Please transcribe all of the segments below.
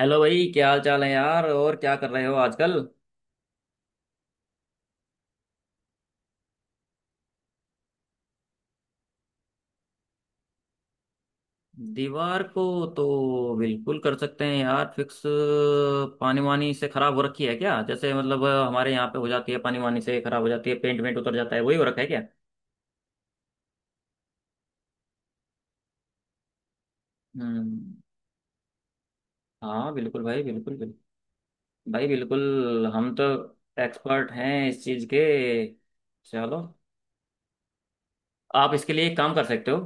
Hello भाई, क्या हाल चाल है यार? और क्या कर रहे हो आजकल? दीवार को तो बिल्कुल कर सकते हैं यार, फिक्स। पानी वानी से खराब हो रखी है क्या? जैसे मतलब हमारे यहाँ पे हो जाती है, पानी वानी से खराब हो जाती है, पेंट वेंट उतर जाता है, वही हो रखा है क्या? हम्म। हाँ बिल्कुल भाई, बिल्कुल बिल्कुल। भाई बिल्कुल, हम तो एक्सपर्ट हैं इस चीज़ के। चलो, आप इसके लिए एक काम कर सकते हो।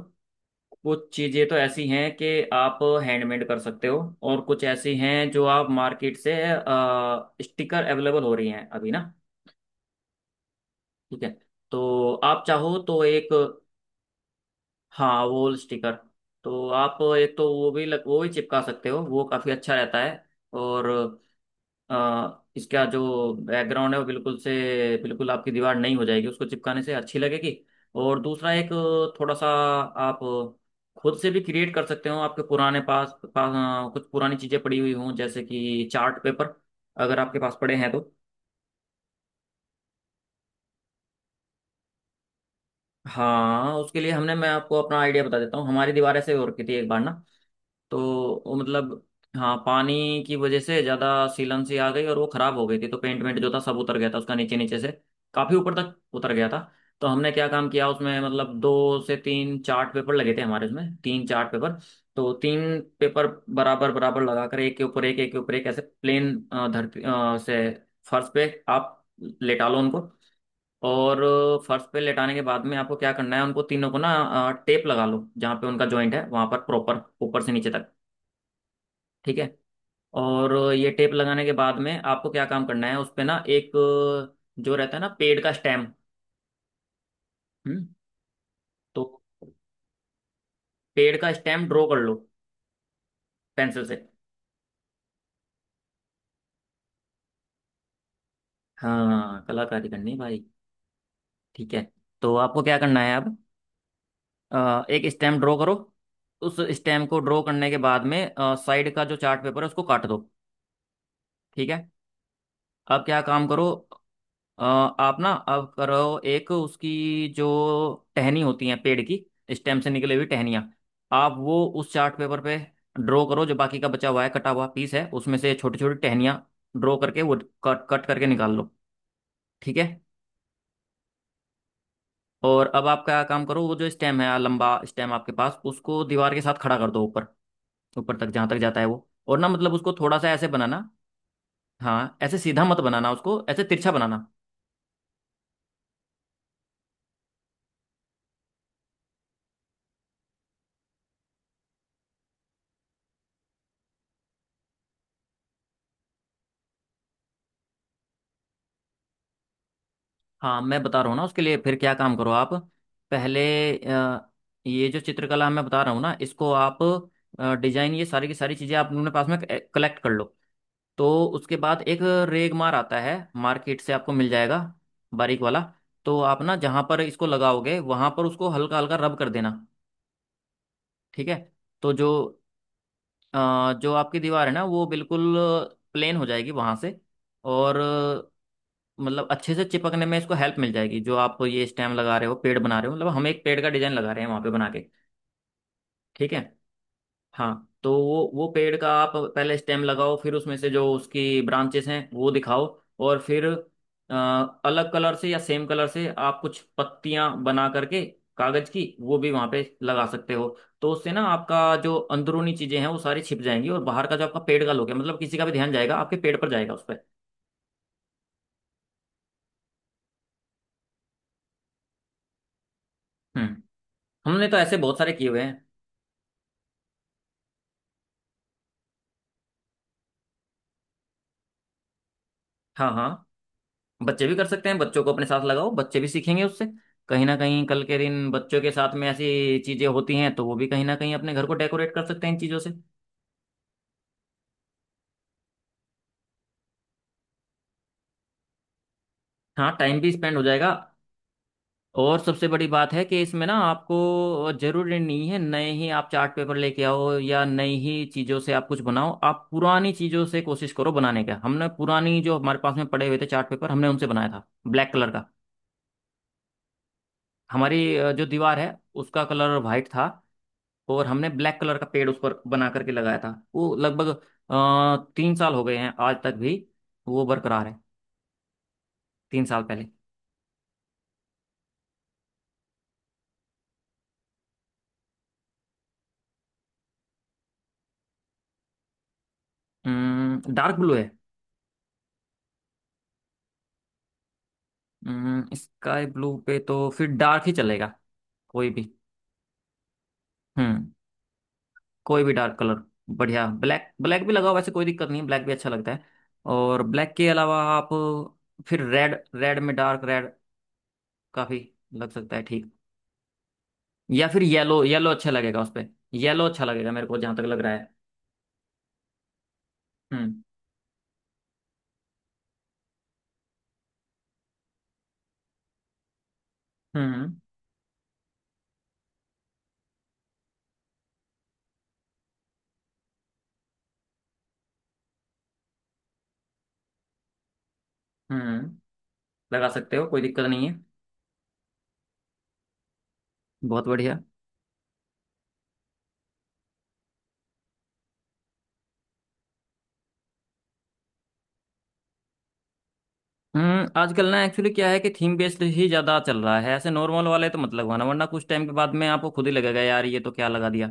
कुछ चीजें तो ऐसी हैं कि आप हैंडमेड कर सकते हो, और कुछ ऐसी हैं जो आप मार्केट से स्टिकर अवेलेबल हो रही हैं अभी ना। ठीक है। तो आप चाहो तो एक, हाँ वॉल स्टिकर। तो आप एक तो वो भी वो भी चिपका सकते हो, वो काफी अच्छा रहता है। और इसका जो बैकग्राउंड है वो बिल्कुल से, बिल्कुल आपकी दीवार नहीं हो जाएगी उसको चिपकाने से, अच्छी लगेगी। और दूसरा, एक थोड़ा सा आप खुद से भी क्रिएट कर सकते हो। आपके पुराने पास पास कुछ पुरानी चीज़ें पड़ी हुई हों जैसे कि चार्ट पेपर, अगर आपके पास पड़े हैं तो। हाँ उसके लिए हमने, मैं आपको अपना आइडिया बता देता हूँ। हमारी दीवार ऐसे हो रखी थी एक बार ना, तो वो मतलब, हाँ पानी की वजह से ज्यादा सीलन सी आ गई और वो खराब हो गई थी, तो पेंट वेंट जो था सब उतर गया था उसका, नीचे नीचे से काफी ऊपर तक उतर गया था। तो हमने क्या काम किया उसमें, मतलब दो से तीन चार्ट पेपर लगे थे हमारे, उसमें तीन चार्ट पेपर। तो तीन पेपर बराबर बराबर लगाकर एक के ऊपर एक, ऐसे प्लेन धरती से, फर्श पे आप लेटा लो उनको। और फर्श पे लेटाने के बाद में आपको क्या करना है, उनको तीनों को ना टेप लगा लो, जहाँ पे उनका जॉइंट है वहां पर प्रॉपर ऊपर से नीचे तक। ठीक है। और ये टेप लगाने के बाद में आपको क्या काम करना है उस पे, ना एक जो रहता है ना पेड़ का स्टेम। हम्म। तो पेड़ का स्टेम ड्रॉ कर लो, पेंसिल से। हाँ कलाकारी करनी है भाई। ठीक है। तो आपको क्या करना है अब, एक स्टेम ड्रॉ करो। उस स्टेम को ड्रॉ करने के बाद में साइड का जो चार्ट पेपर है उसको काट दो। ठीक है। अब क्या काम करो, आप ना अब करो, एक उसकी जो टहनी होती है पेड़ की, स्टेम से निकली हुई टहनियाँ, आप वो उस चार्ट पेपर पे ड्रॉ करो। जो बाकी का बचा हुआ है कटा हुआ पीस है उसमें से छोटी छोटी टहनियाँ ड्रॉ करके वो कट कट करके निकाल लो। ठीक है। और अब आप क्या काम करो, वो जो स्टेम है लंबा स्टेम आपके पास, उसको दीवार के साथ खड़ा कर दो ऊपर, ऊपर तक जहाँ तक जाता है वो, और ना मतलब उसको थोड़ा सा ऐसे बनाना, हाँ ऐसे सीधा मत बनाना, उसको ऐसे तिरछा बनाना। हाँ मैं बता रहा हूँ ना, उसके लिए फिर क्या काम करो आप पहले। अ, ये जो चित्रकला मैं बता रहा हूँ ना, इसको आप डिजाइन, ये सारी की सारी चीज़ें आप अपने पास में कलेक्ट कर लो। तो उसके बाद एक रेगमार आता है, मार्केट से आपको मिल जाएगा, बारीक वाला। तो आप ना जहाँ पर इसको लगाओगे वहाँ पर उसको हल्का हल्का रब कर देना। ठीक है। तो जो अ, जो आपकी दीवार है ना वो बिल्कुल प्लेन हो जाएगी वहां से। और मतलब अच्छे से चिपकने में इसको हेल्प मिल जाएगी, जो आप ये स्टेम लगा रहे हो, पेड़ बना रहे हो, मतलब हम एक पेड़ का डिजाइन लगा रहे हैं वहां पे बना के। ठीक है। हाँ तो वो पेड़ का आप पहले स्टेम लगाओ, फिर उसमें से जो उसकी ब्रांचेस हैं वो दिखाओ। और फिर अ, अलग कलर से या सेम कलर से आप कुछ पत्तियां बना करके कागज की, वो भी वहां पे लगा सकते हो। तो उससे ना आपका जो अंदरूनी चीजें हैं वो सारी छिप जाएंगी, और बाहर का जो आपका पेड़ का लुक है, मतलब किसी का भी ध्यान जाएगा, आपके पेड़ पर जाएगा, उस पर। हम्म। हमने तो ऐसे बहुत सारे किए हुए हैं। हाँ हाँ, बच्चे भी कर सकते हैं, बच्चों को अपने साथ लगाओ, बच्चे भी सीखेंगे उससे। कहीं ना कहीं कल के दिन बच्चों के साथ में ऐसी चीजें होती हैं, तो वो भी कहीं ना कहीं अपने घर को डेकोरेट कर सकते हैं इन चीजों से। हाँ टाइम भी स्पेंड हो जाएगा। और सबसे बड़ी बात है कि इसमें ना आपको जरूरी नहीं है नए ही आप चार्ट पेपर लेके आओ, या नई ही चीजों से आप कुछ बनाओ, आप पुरानी चीजों से कोशिश करो बनाने का। हमने पुरानी जो हमारे पास में पड़े हुए थे चार्ट पेपर, हमने उनसे बनाया था ब्लैक कलर का। हमारी जो दीवार है उसका कलर वाइट था, तो, और हमने ब्लैक कलर का पेड़ उस पर बना करके लगाया था। वो लगभग 3 साल हो गए हैं, आज तक भी वो बरकरार है। 3 साल पहले। डार्क ब्लू है। स्काई ब्लू पे तो फिर डार्क ही चलेगा, कोई भी। हम्म कोई भी डार्क कलर, बढ़िया, ब्लैक, ब्लैक भी लगाओ, वैसे कोई दिक्कत नहीं है, ब्लैक भी अच्छा लगता है। और ब्लैक के अलावा आप फिर रेड, रेड में डार्क रेड काफी लग सकता है, ठीक। या फिर येलो, येलो अच्छा लगेगा उस पे। येलो अच्छा लगेगा मेरे को जहां तक लग रहा है। हम्म। हम्म। हम्म लगा सकते हो, कोई दिक्कत नहीं है, बहुत बढ़िया। आजकल ना एक्चुअली क्या है कि थीम बेस्ड ही ज्यादा चल रहा है, ऐसे नॉर्मल वाले तो मत लगवाना, वरना कुछ टाइम के बाद में आपको खुद ही लगेगा यार ये तो क्या लगा दिया।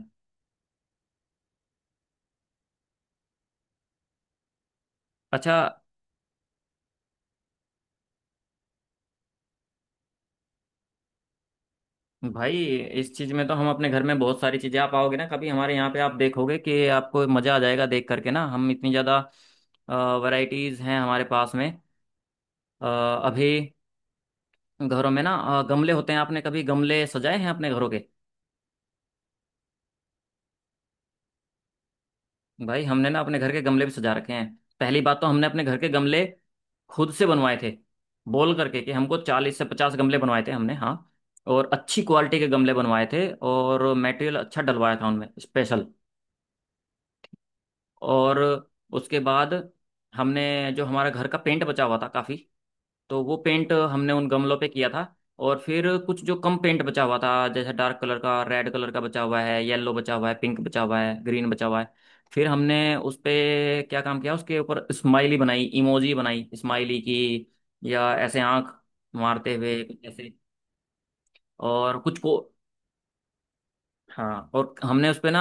अच्छा भाई, इस चीज में तो हम अपने घर में बहुत सारी चीजें, आप आओगे ना कभी हमारे यहाँ पे आप देखोगे कि आपको मजा आ जाएगा देख करके ना, हम इतनी ज्यादा वैरायटीज हैं हमारे पास में। अ, अभी घरों में ना गमले होते हैं। आपने कभी गमले सजाए हैं अपने घरों के? भाई हमने ना अपने घर के गमले भी सजा रखे हैं। पहली बात, तो हमने अपने घर के गमले खुद से बनवाए थे, बोल करके कि हमको 40 से 50 गमले बनवाए थे हमने, हाँ। और अच्छी क्वालिटी के गमले बनवाए थे, और मटेरियल अच्छा डलवाया था उनमें स्पेशल। और उसके बाद हमने जो हमारा घर का पेंट बचा हुआ था काफ़ी, तो वो पेंट हमने उन गमलों पे किया था। और फिर कुछ जो कम पेंट बचा हुआ था जैसे डार्क कलर का, रेड कलर का बचा हुआ है, येलो बचा हुआ है, पिंक बचा हुआ है, ग्रीन बचा हुआ है, फिर हमने उस पे क्या काम किया, उसके ऊपर स्माइली बनाई, इमोजी बनाई स्माइली की, या ऐसे आंख मारते हुए कुछ ऐसे। और कुछ को, हाँ, और हमने उस पे ना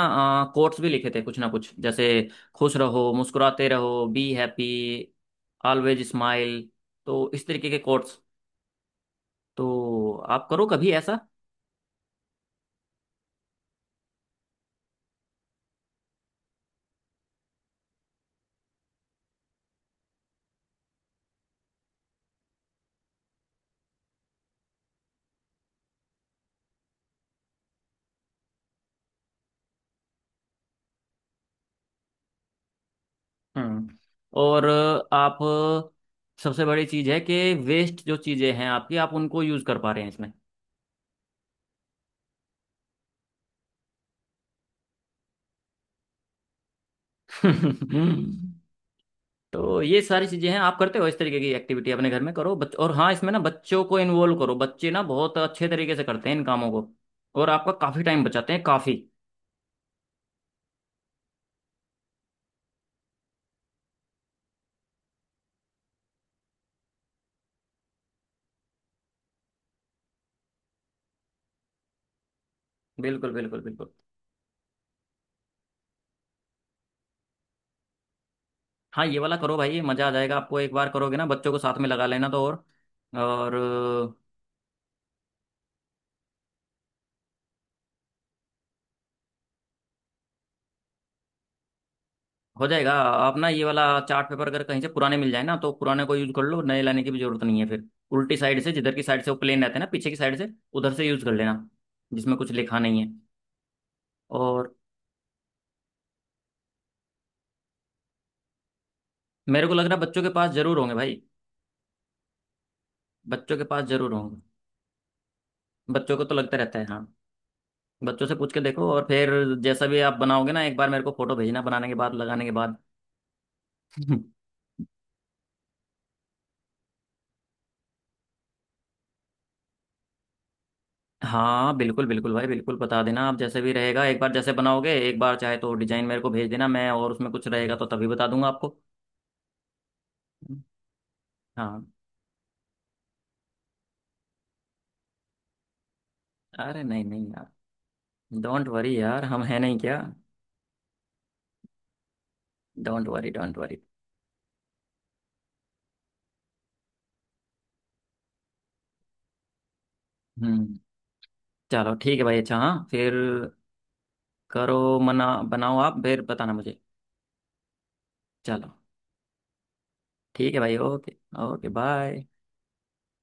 कोट्स भी लिखे थे, कुछ ना कुछ, जैसे खुश रहो, मुस्कुराते रहो, बी हैप्पी, ऑलवेज स्माइल, तो इस तरीके के कोट्स। तो आप करो कभी ऐसा। हम्म और आप, सबसे बड़ी चीज है कि वेस्ट जो चीजें हैं आपकी, आप उनको यूज कर पा रहे हैं इसमें। तो ये सारी चीजें हैं, आप करते हो इस तरीके की एक्टिविटी अपने घर में करो, बच और हाँ इसमें ना बच्चों को इन्वॉल्व करो, बच्चे ना बहुत अच्छे तरीके से करते हैं इन कामों को, और आपका काफी टाइम बचाते हैं काफी। बिल्कुल बिल्कुल बिल्कुल। हाँ ये वाला करो भाई, ये मजा आ जाएगा आपको, एक बार करोगे ना, बच्चों को साथ में लगा लेना तो और हो जाएगा। आप ना ये वाला चार्ट पेपर अगर कहीं से पुराने मिल जाए ना, तो पुराने को यूज कर लो, नए लाने की भी जरूरत नहीं है फिर। उल्टी साइड से, जिधर की साइड से वो प्लेन रहते हैं ना, पीछे की साइड से उधर से यूज कर लेना, जिसमें कुछ लिखा नहीं है। और मेरे को लग रहा है बच्चों के पास जरूर होंगे भाई। बच्चों के पास जरूर होंगे। बच्चों को तो लगता रहता है हाँ। बच्चों से पूछ के देखो, और फिर जैसा भी आप बनाओगे ना, एक बार मेरे को फोटो भेजना, बनाने के बाद, लगाने के बाद। हाँ बिल्कुल बिल्कुल भाई, बिल्कुल बता देना आप, जैसे भी रहेगा, एक बार जैसे बनाओगे, एक बार चाहे तो डिजाइन मेरे को भेज देना, मैं और उसमें कुछ रहेगा तो तभी बता दूंगा आपको। हाँ अरे नहीं नहीं यार, डोंट वरी यार, हम हैं नहीं क्या। Don't worry don't worry. Hmm. चलो ठीक है भाई, अच्छा हाँ, फिर करो, मना बनाओ आप, फिर बताना मुझे। चलो ठीक है भाई, ओके। Okay, bye.